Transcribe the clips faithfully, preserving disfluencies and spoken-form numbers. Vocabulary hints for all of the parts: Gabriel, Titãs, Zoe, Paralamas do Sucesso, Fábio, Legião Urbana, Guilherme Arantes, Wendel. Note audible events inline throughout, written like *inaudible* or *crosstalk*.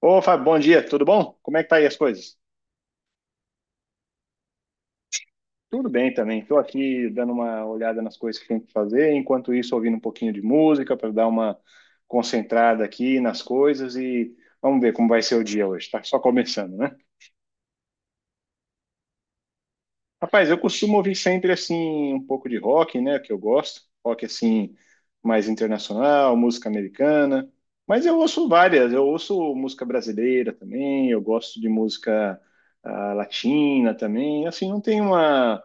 Ô, Fábio, bom dia, tudo bom? Como é que tá aí as coisas? Tudo bem também. Estou aqui dando uma olhada nas coisas que tem que fazer, enquanto isso ouvindo um pouquinho de música para dar uma concentrada aqui nas coisas e vamos ver como vai ser o dia hoje. Tá só começando, né? Rapaz, eu costumo ouvir sempre assim um pouco de rock, né, que eu gosto, rock assim mais internacional, música americana, mas eu ouço várias, eu ouço música brasileira também, eu gosto de música ah, latina também, assim, não tem uma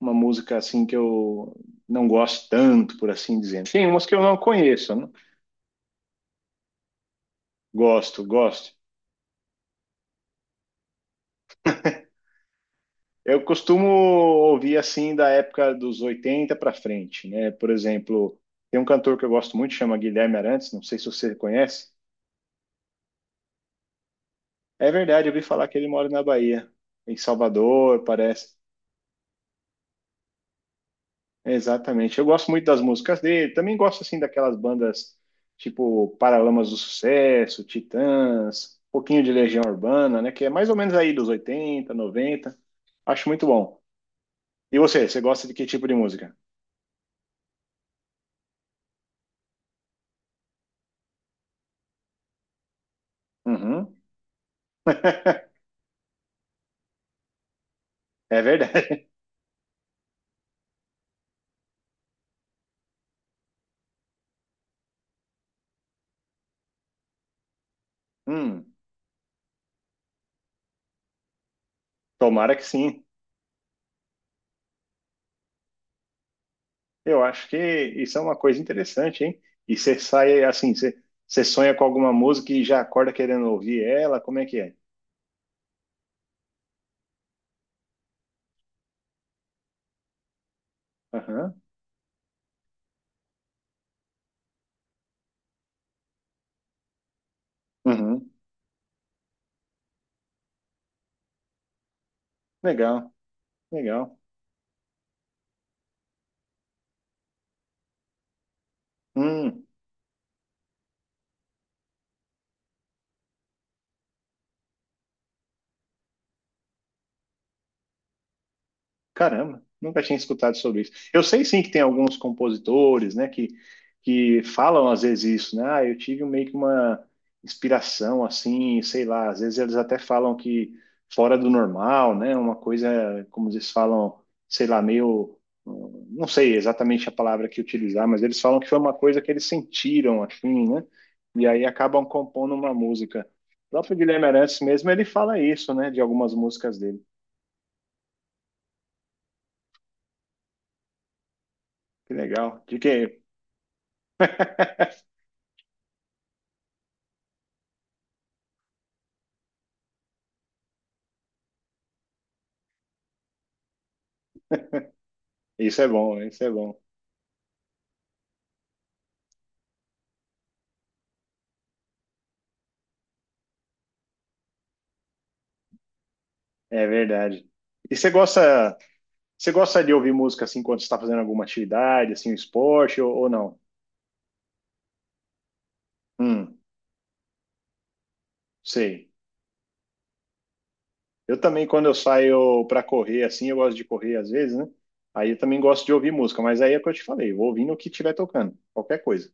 uma música assim que eu não gosto tanto, por assim dizer. Tem umas que eu não conheço, né? Gosto, gosto. Eu costumo ouvir assim da época dos oitenta para frente, né? Por exemplo, tem um cantor que eu gosto muito, chama Guilherme Arantes, não sei se você conhece. É verdade, eu ouvi falar que ele mora na Bahia, em Salvador, parece. É, Exatamente. Eu gosto muito das músicas dele, também gosto assim daquelas bandas tipo Paralamas do Sucesso, Titãs, um pouquinho de Legião Urbana, né? Que é mais ou menos aí dos oitenta, noventa. Acho muito bom. E você, você gosta de que tipo de música? Uhum. É verdade. *laughs* Hum. Tomara que sim. Eu acho que isso é uma coisa interessante, hein? E você sai assim, você, você sonha com alguma música e já acorda querendo ouvir ela? Como é que é? Aham, uhum. Legal, legal. Hum. Caramba, nunca tinha escutado sobre isso. Eu sei sim que tem alguns compositores, né, que, que falam às vezes isso, né? Ah, eu tive meio que uma inspiração assim, sei lá, às vezes eles até falam que fora do normal, né? Uma coisa, como eles falam, sei lá, meio hum, não sei exatamente a palavra que utilizar, mas eles falam que foi uma coisa que eles sentiram assim, né? E aí acabam compondo uma música. O próprio Guilherme Arantes mesmo, ele fala isso, né, de algumas músicas dele. Que legal. De que *laughs* Isso é bom, isso é bom. É verdade. E você gosta, você gosta de ouvir música assim quando você está fazendo alguma atividade, assim, um esporte ou, ou não? Hum, sei. Eu também, quando eu saio para correr, assim, eu gosto de correr às vezes, né? Aí eu também gosto de ouvir música, mas aí é o que eu te falei, vou ouvindo o que estiver tocando, qualquer coisa.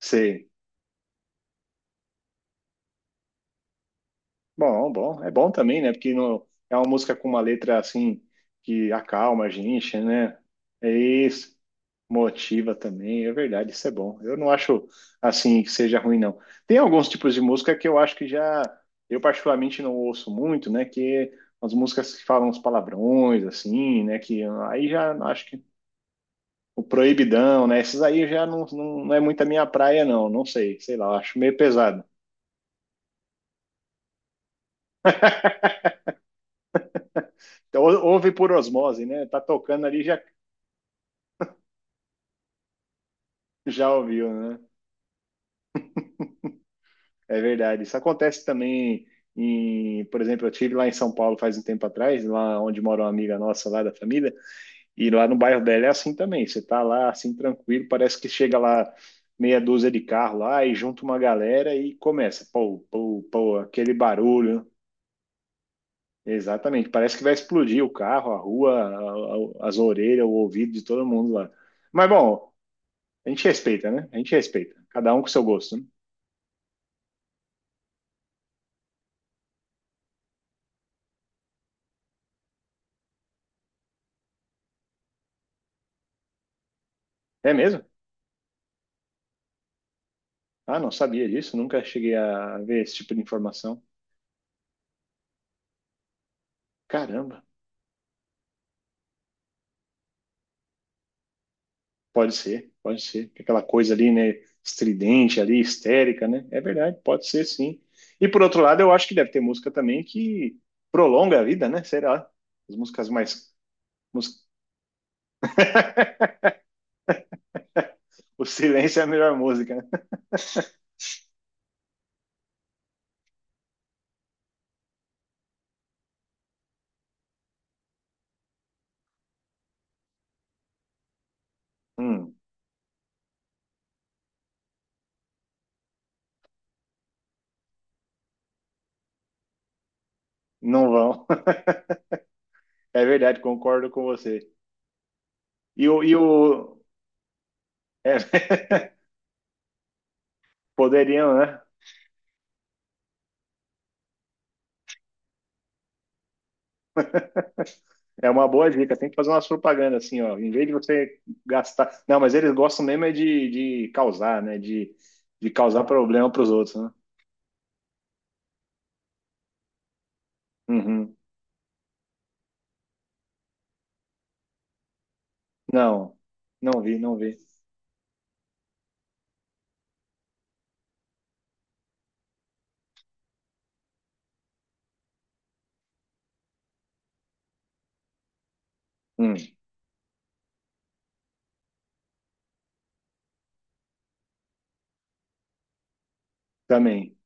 Sei. Bom, bom, é bom também, né? Porque não, é uma música com uma letra assim que acalma a gente, né? É isso, motiva também, é verdade, isso é bom. Eu não acho assim que seja ruim, não. Tem alguns tipos de música que eu acho que já, eu particularmente não ouço muito, né? Que as músicas que falam uns palavrões, assim, né? Que aí já acho que o proibidão, né? Esses aí já não, não, não é muito a minha praia, não. Não sei, sei lá, eu acho meio pesado. Então, ou- ouve por osmose, né? Tá tocando ali, já Já ouviu, né? É verdade. Isso acontece também em, por exemplo, eu tive lá em São Paulo faz um tempo atrás, lá onde mora uma amiga nossa lá da família, e lá no bairro dela é assim também. Você tá lá assim tranquilo, parece que chega lá meia dúzia de carro lá e junta uma galera e começa, pô, pô, pô, aquele barulho. Exatamente, parece que vai explodir o carro, a rua, a- a- as orelhas, o ouvido de todo mundo lá. Mas bom, a gente respeita, né? A gente respeita. Cada um com seu gosto, né? É mesmo? Ah, não sabia disso, nunca cheguei a ver esse tipo de informação. Caramba, pode ser, pode ser. Aquela coisa ali, né, estridente ali, histérica, né? É verdade, pode ser sim. E por outro lado, eu acho que deve ter música também que prolonga a vida, né? Será? As músicas mais. Mus- O silêncio é a melhor música, né? Hum, não vão. *laughs* É verdade, concordo com você. E o. E o... é, *laughs* poderiam, né? É uma boa dica, tem que fazer umas propagandas assim, ó. Em vez de você gastar. Não, mas eles gostam mesmo é de, de, causar, né? De, de causar problema para os outros, né? Uhum. Não, não vi, não vi. Hum, também,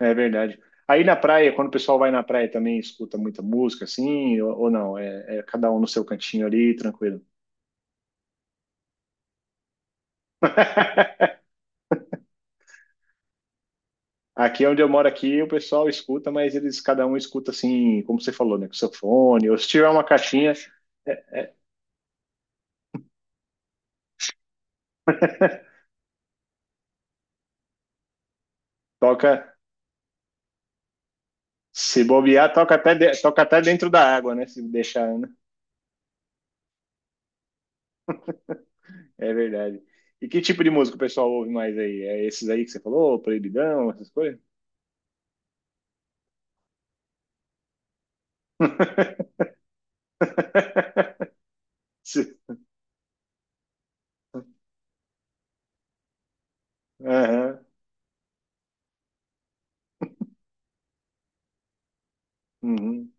é verdade. Aí na praia, quando o pessoal vai na praia também escuta muita música, assim, ou, ou não? É, é cada um no seu cantinho ali, tranquilo. *laughs* Aqui onde eu moro aqui, o pessoal escuta, mas eles cada um escuta assim, como você falou, né? Com seu fone, ou se tiver uma caixinha, é, toca Se bobear, toca até, de- toca até dentro da água, né? Se deixar, né? É verdade. E que tipo de música o pessoal ouve mais aí? É esses aí que você falou, Proibidão, essas coisas? *laughs* Se- Aham, uhum.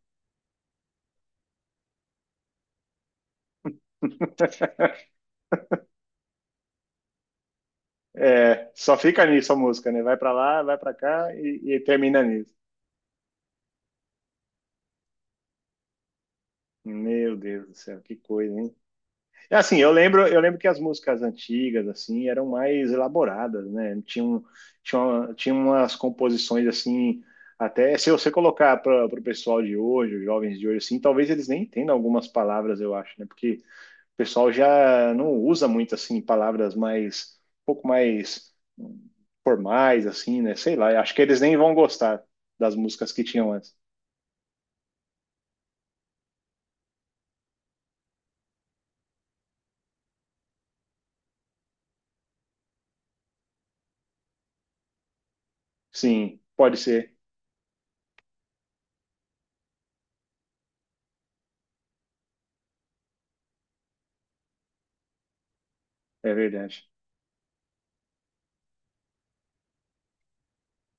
É, só fica nisso a música, né? Vai pra lá, vai pra cá e, e termina nisso. Meu Deus do céu, que coisa, hein? É Assim, eu lembro, eu lembro que as músicas antigas assim eram mais elaboradas, né? Tinha, um- tinha, uma- tinha umas composições assim, até se você colocar para o pessoal de hoje, os jovens de hoje assim, talvez eles nem entendam algumas palavras, eu acho, né? Porque o pessoal já não usa muito assim palavras mais um pouco mais hum, formais assim, né? Sei lá, eu acho que eles nem vão gostar das músicas que tinham antes. Sim, pode ser, é verdade.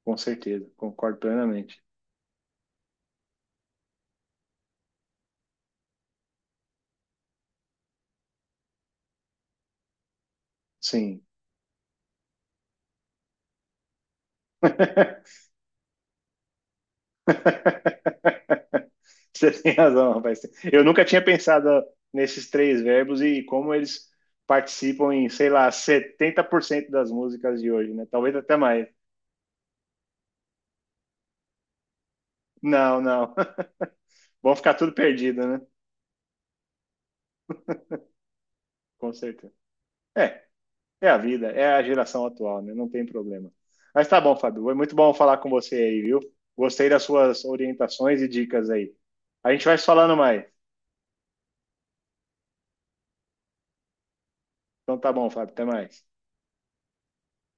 Com certeza, concordo plenamente. Sim. *laughs* *laughs* Você tem razão, rapaz. Eu nunca tinha pensado nesses três verbos e como eles participam em, sei lá, setenta por cento das músicas de hoje, né? Talvez até mais. Não, não. *laughs* Vão ficar tudo perdido, né? Com certeza. É, é a vida, é a geração atual, né? Não tem problema. Mas tá bom, Fábio. Foi muito bom falar com você aí, viu? Gostei das suas orientações e dicas aí. A gente vai se falando mais. Então tá bom, Fábio. Até mais.